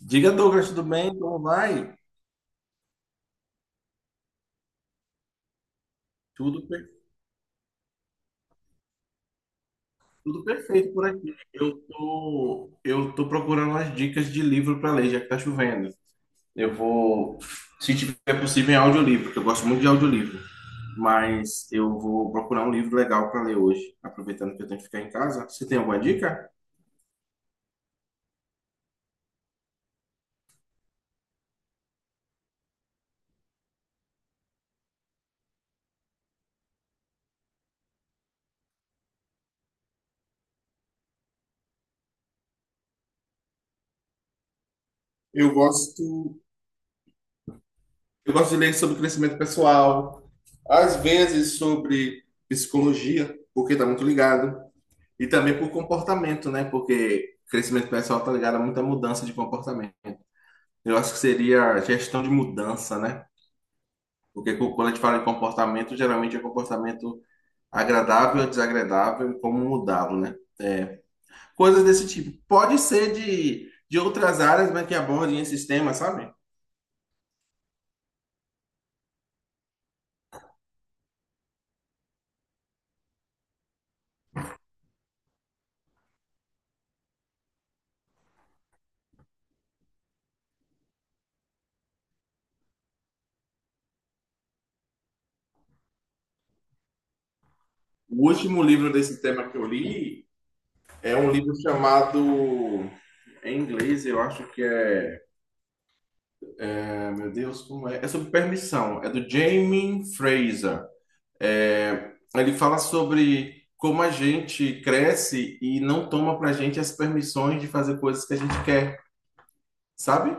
Diga, Douglas, tudo bem? Como vai? Tudo, per- tudo perfeito por aqui. Eu tô procurando umas dicas de livro para ler, já que tá chovendo. Eu vou, se tiver possível, em audiolivro, porque eu gosto muito de audiolivro. Mas eu vou procurar um livro legal para ler hoje, aproveitando que eu tenho que ficar em casa. Você tem alguma dica? Eu gosto, eu gosto de ler sobre crescimento pessoal, às vezes sobre psicologia, porque está muito ligado. E também por comportamento, né? Porque crescimento pessoal tá ligado a muita mudança de comportamento. Eu acho que seria gestão de mudança, né? Quando a gente fala de comportamento, geralmente é um comportamento agradável, desagradável e como mudá-lo, né? É, coisas desse tipo. Pode ser de outras áreas, mas que abordem esses temas, sabe? O último livro desse tema que eu li é um livro chamado, em inglês, eu acho que é, é, meu Deus, como é? É sobre permissão. É do Jamie Fraser. Ele fala sobre como a gente cresce e não toma pra gente as permissões de fazer coisas que a gente quer, sabe?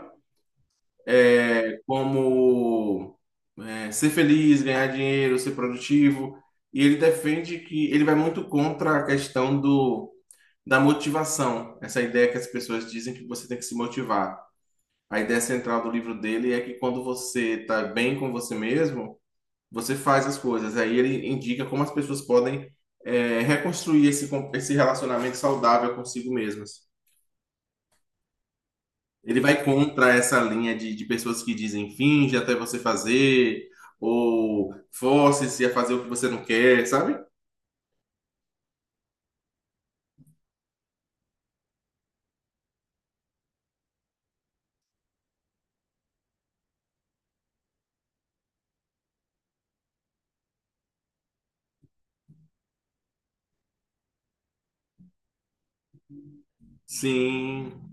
É como ser feliz, ganhar dinheiro, ser produtivo. E ele defende que ele vai muito contra a questão da motivação, essa ideia que as pessoas dizem que você tem que se motivar. A ideia central do livro dele é que quando você está bem com você mesmo, você faz as coisas. Aí ele indica como as pessoas podem reconstruir esse relacionamento saudável consigo mesmas. Ele vai contra essa linha de pessoas que dizem finge até você fazer, ou force-se a fazer o que você não quer, sabe? Sim.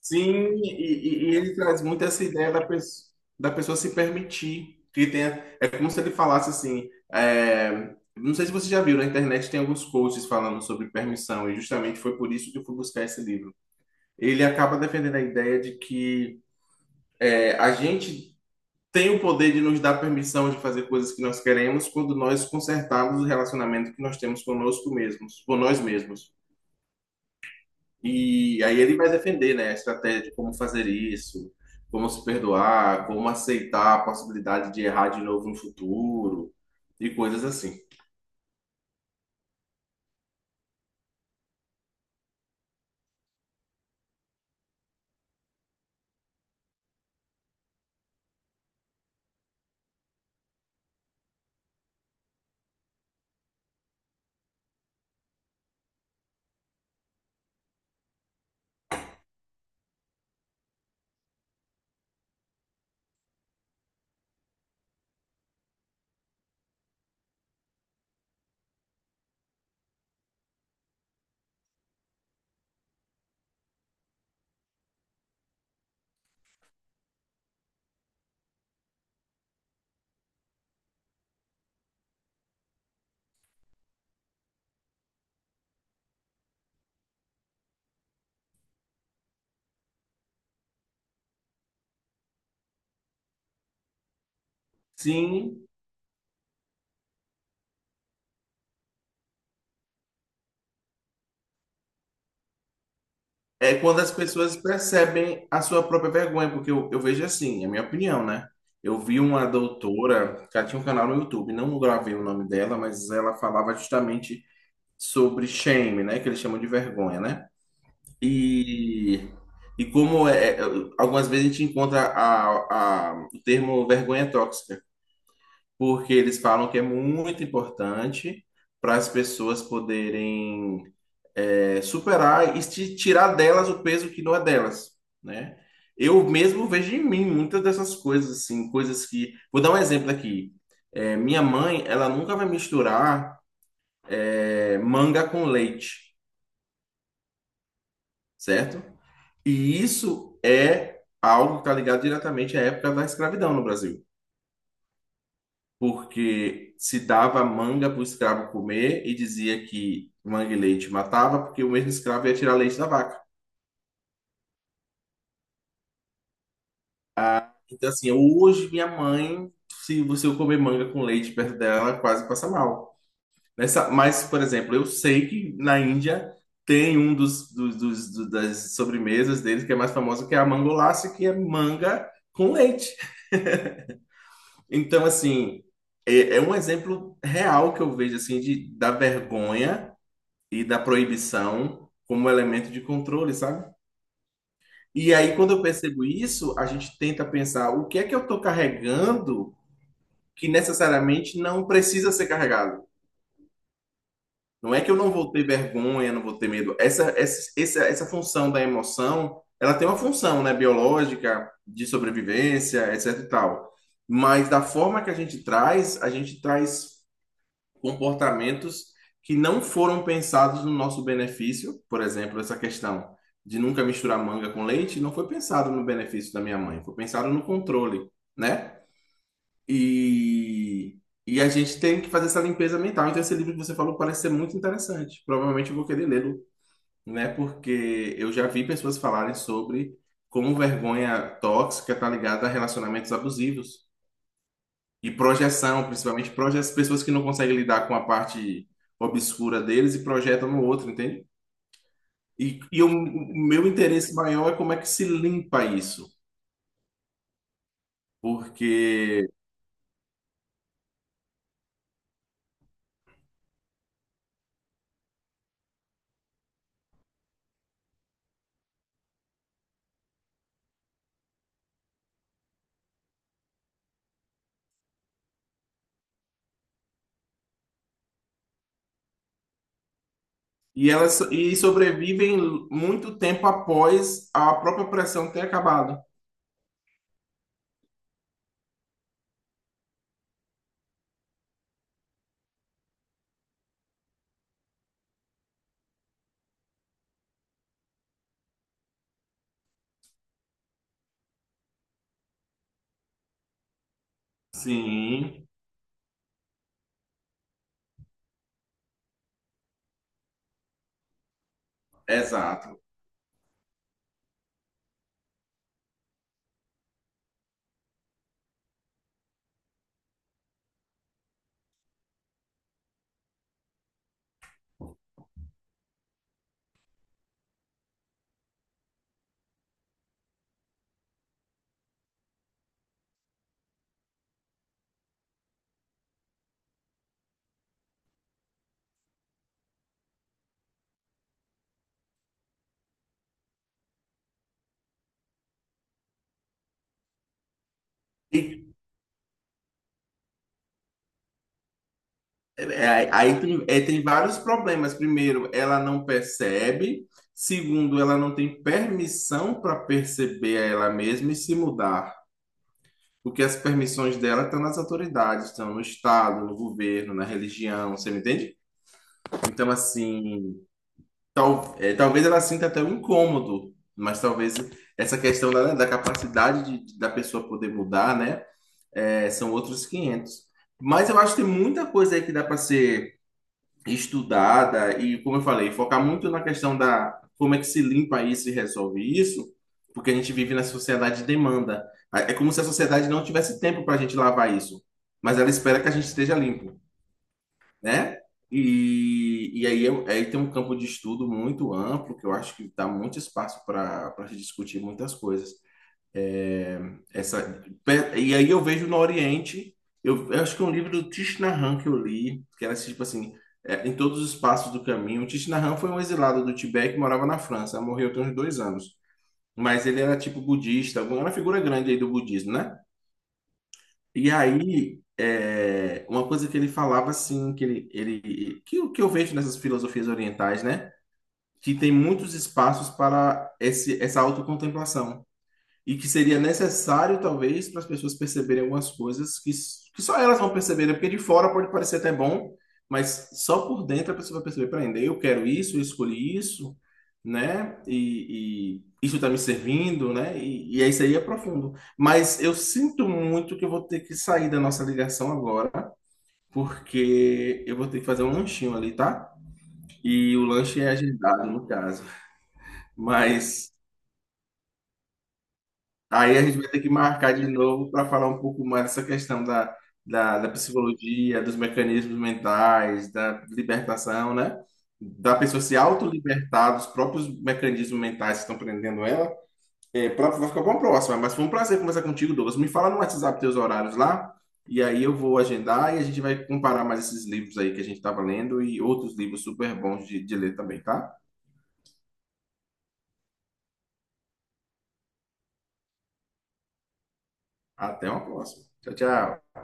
Sim, e ele traz muito essa ideia da pessoa se permitir. Que tenha, é como se ele falasse assim. Não sei se você já viu, na internet tem alguns posts falando sobre permissão, e justamente foi por isso que eu fui buscar esse livro. Ele acaba defendendo a ideia de que a gente tem o poder de nos dar permissão de fazer coisas que nós queremos quando nós consertarmos o relacionamento que nós temos conosco mesmos, com nós mesmos. E aí ele vai defender, né, a estratégia de como fazer isso, como se perdoar, como aceitar a possibilidade de errar de novo no futuro e coisas assim. Sim, é quando as pessoas percebem a sua própria vergonha, porque eu vejo assim, é a minha opinião, né? Eu vi uma doutora que ela tinha um canal no YouTube, não gravei o nome dela, mas ela falava justamente sobre shame, né, que eles chamam de vergonha, né? E, e como é, algumas vezes a gente encontra o termo vergonha tóxica, porque eles falam que é muito importante para as pessoas poderem superar e tirar delas o peso que não é delas, né? Eu mesmo vejo em mim muitas dessas coisas, assim, coisas que... Vou dar um exemplo aqui. É, minha mãe, ela nunca vai misturar manga com leite, certo? E isso é algo que está ligado diretamente à época da escravidão no Brasil, porque se dava manga para o escravo comer e dizia que manga e leite matava, porque o mesmo escravo ia tirar leite da vaca. Então, assim, hoje minha mãe, se você comer manga com leite perto dela, quase passa mal. Nessa, mas, por exemplo, eu sei que na Índia tem um das sobremesas deles que é mais famosa, que é a mangolace, que é manga com leite. Então, assim, é um exemplo real que eu vejo, assim, da vergonha e da proibição como elemento de controle, sabe? E aí, quando eu percebo isso, a gente tenta pensar o que é que eu estou carregando que necessariamente não precisa ser carregado. Não é que eu não vou ter vergonha, não vou ter medo. Essa função da emoção, ela tem uma função, né, biológica, de sobrevivência, etc e tal. Mas da forma que a gente traz comportamentos que não foram pensados no nosso benefício, por exemplo, essa questão de nunca misturar manga com leite, não foi pensado no benefício da minha mãe, foi pensado no controle, né? E, e a gente tem que fazer essa limpeza mental. Então, esse livro que você falou parece ser muito interessante. Provavelmente eu vou querer lê-lo, né? Porque eu já vi pessoas falarem sobre como vergonha tóxica está ligada a relacionamentos abusivos. E projeção, principalmente projeção, pessoas que não conseguem lidar com a parte obscura deles e projetam no outro, entende? E o meu interesse maior é como é que se limpa isso, porque e sobrevivem muito tempo após a própria pressão ter acabado. Sim, exato. E tem vários problemas. Primeiro, ela não percebe. Segundo, ela não tem permissão para perceber ela mesma e se mudar. Porque as permissões dela estão nas autoridades, estão no Estado, no governo, na religião, você me entende? Então, assim, talvez ela sinta até um incômodo, mas talvez essa questão da da pessoa poder mudar, né? São outros 500. Mas eu acho que tem muita coisa aí que dá para ser estudada e, como eu falei, focar muito na questão da como é que se limpa isso e resolve isso, porque a gente vive na sociedade de demanda. É como se a sociedade não tivesse tempo para a gente lavar isso, mas ela espera que a gente esteja limpo, né? E aí, aí tem um campo de estudo muito amplo, que eu acho que dá muito espaço para se discutir muitas coisas. É, Essa, e aí eu vejo no Oriente, eu acho que é um livro do Thich Nhat Hanh que eu li, que era tipo assim, em todos os passos do caminho. O Thich Nhat Hanh foi um exilado do Tibete que morava na França, morreu tem uns dois anos. Mas ele era tipo budista, era uma figura grande aí do budismo, né? E aí, uma coisa que ele falava assim, que ele que, o que eu vejo nessas filosofias orientais, né? Que tem muitos espaços para essa autocontemplação e que seria necessário, talvez, para as pessoas perceberem algumas coisas que só elas vão perceberem, porque de fora pode parecer até bom, mas só por dentro a pessoa vai perceber, peraí, eu quero isso, eu escolhi isso, né? E isso está me servindo, né? E é isso, aí é profundo. Mas eu sinto muito que eu vou ter que sair da nossa ligação agora, porque eu vou ter que fazer um lanchinho ali, tá? E o lanche é agendado, no caso. Mas aí a gente vai ter que marcar de novo para falar um pouco mais dessa questão da psicologia, dos mecanismos mentais, da libertação, né? Da pessoa se autolibertar dos próprios mecanismos mentais que estão prendendo ela. Vai ficar bom próxima, mas foi um prazer conversar contigo, Douglas. Me fala no WhatsApp teus horários lá, e aí eu vou agendar e a gente vai comparar mais esses livros aí que a gente estava lendo e outros livros super bons de ler também, tá? Até uma próxima. Tchau, tchau.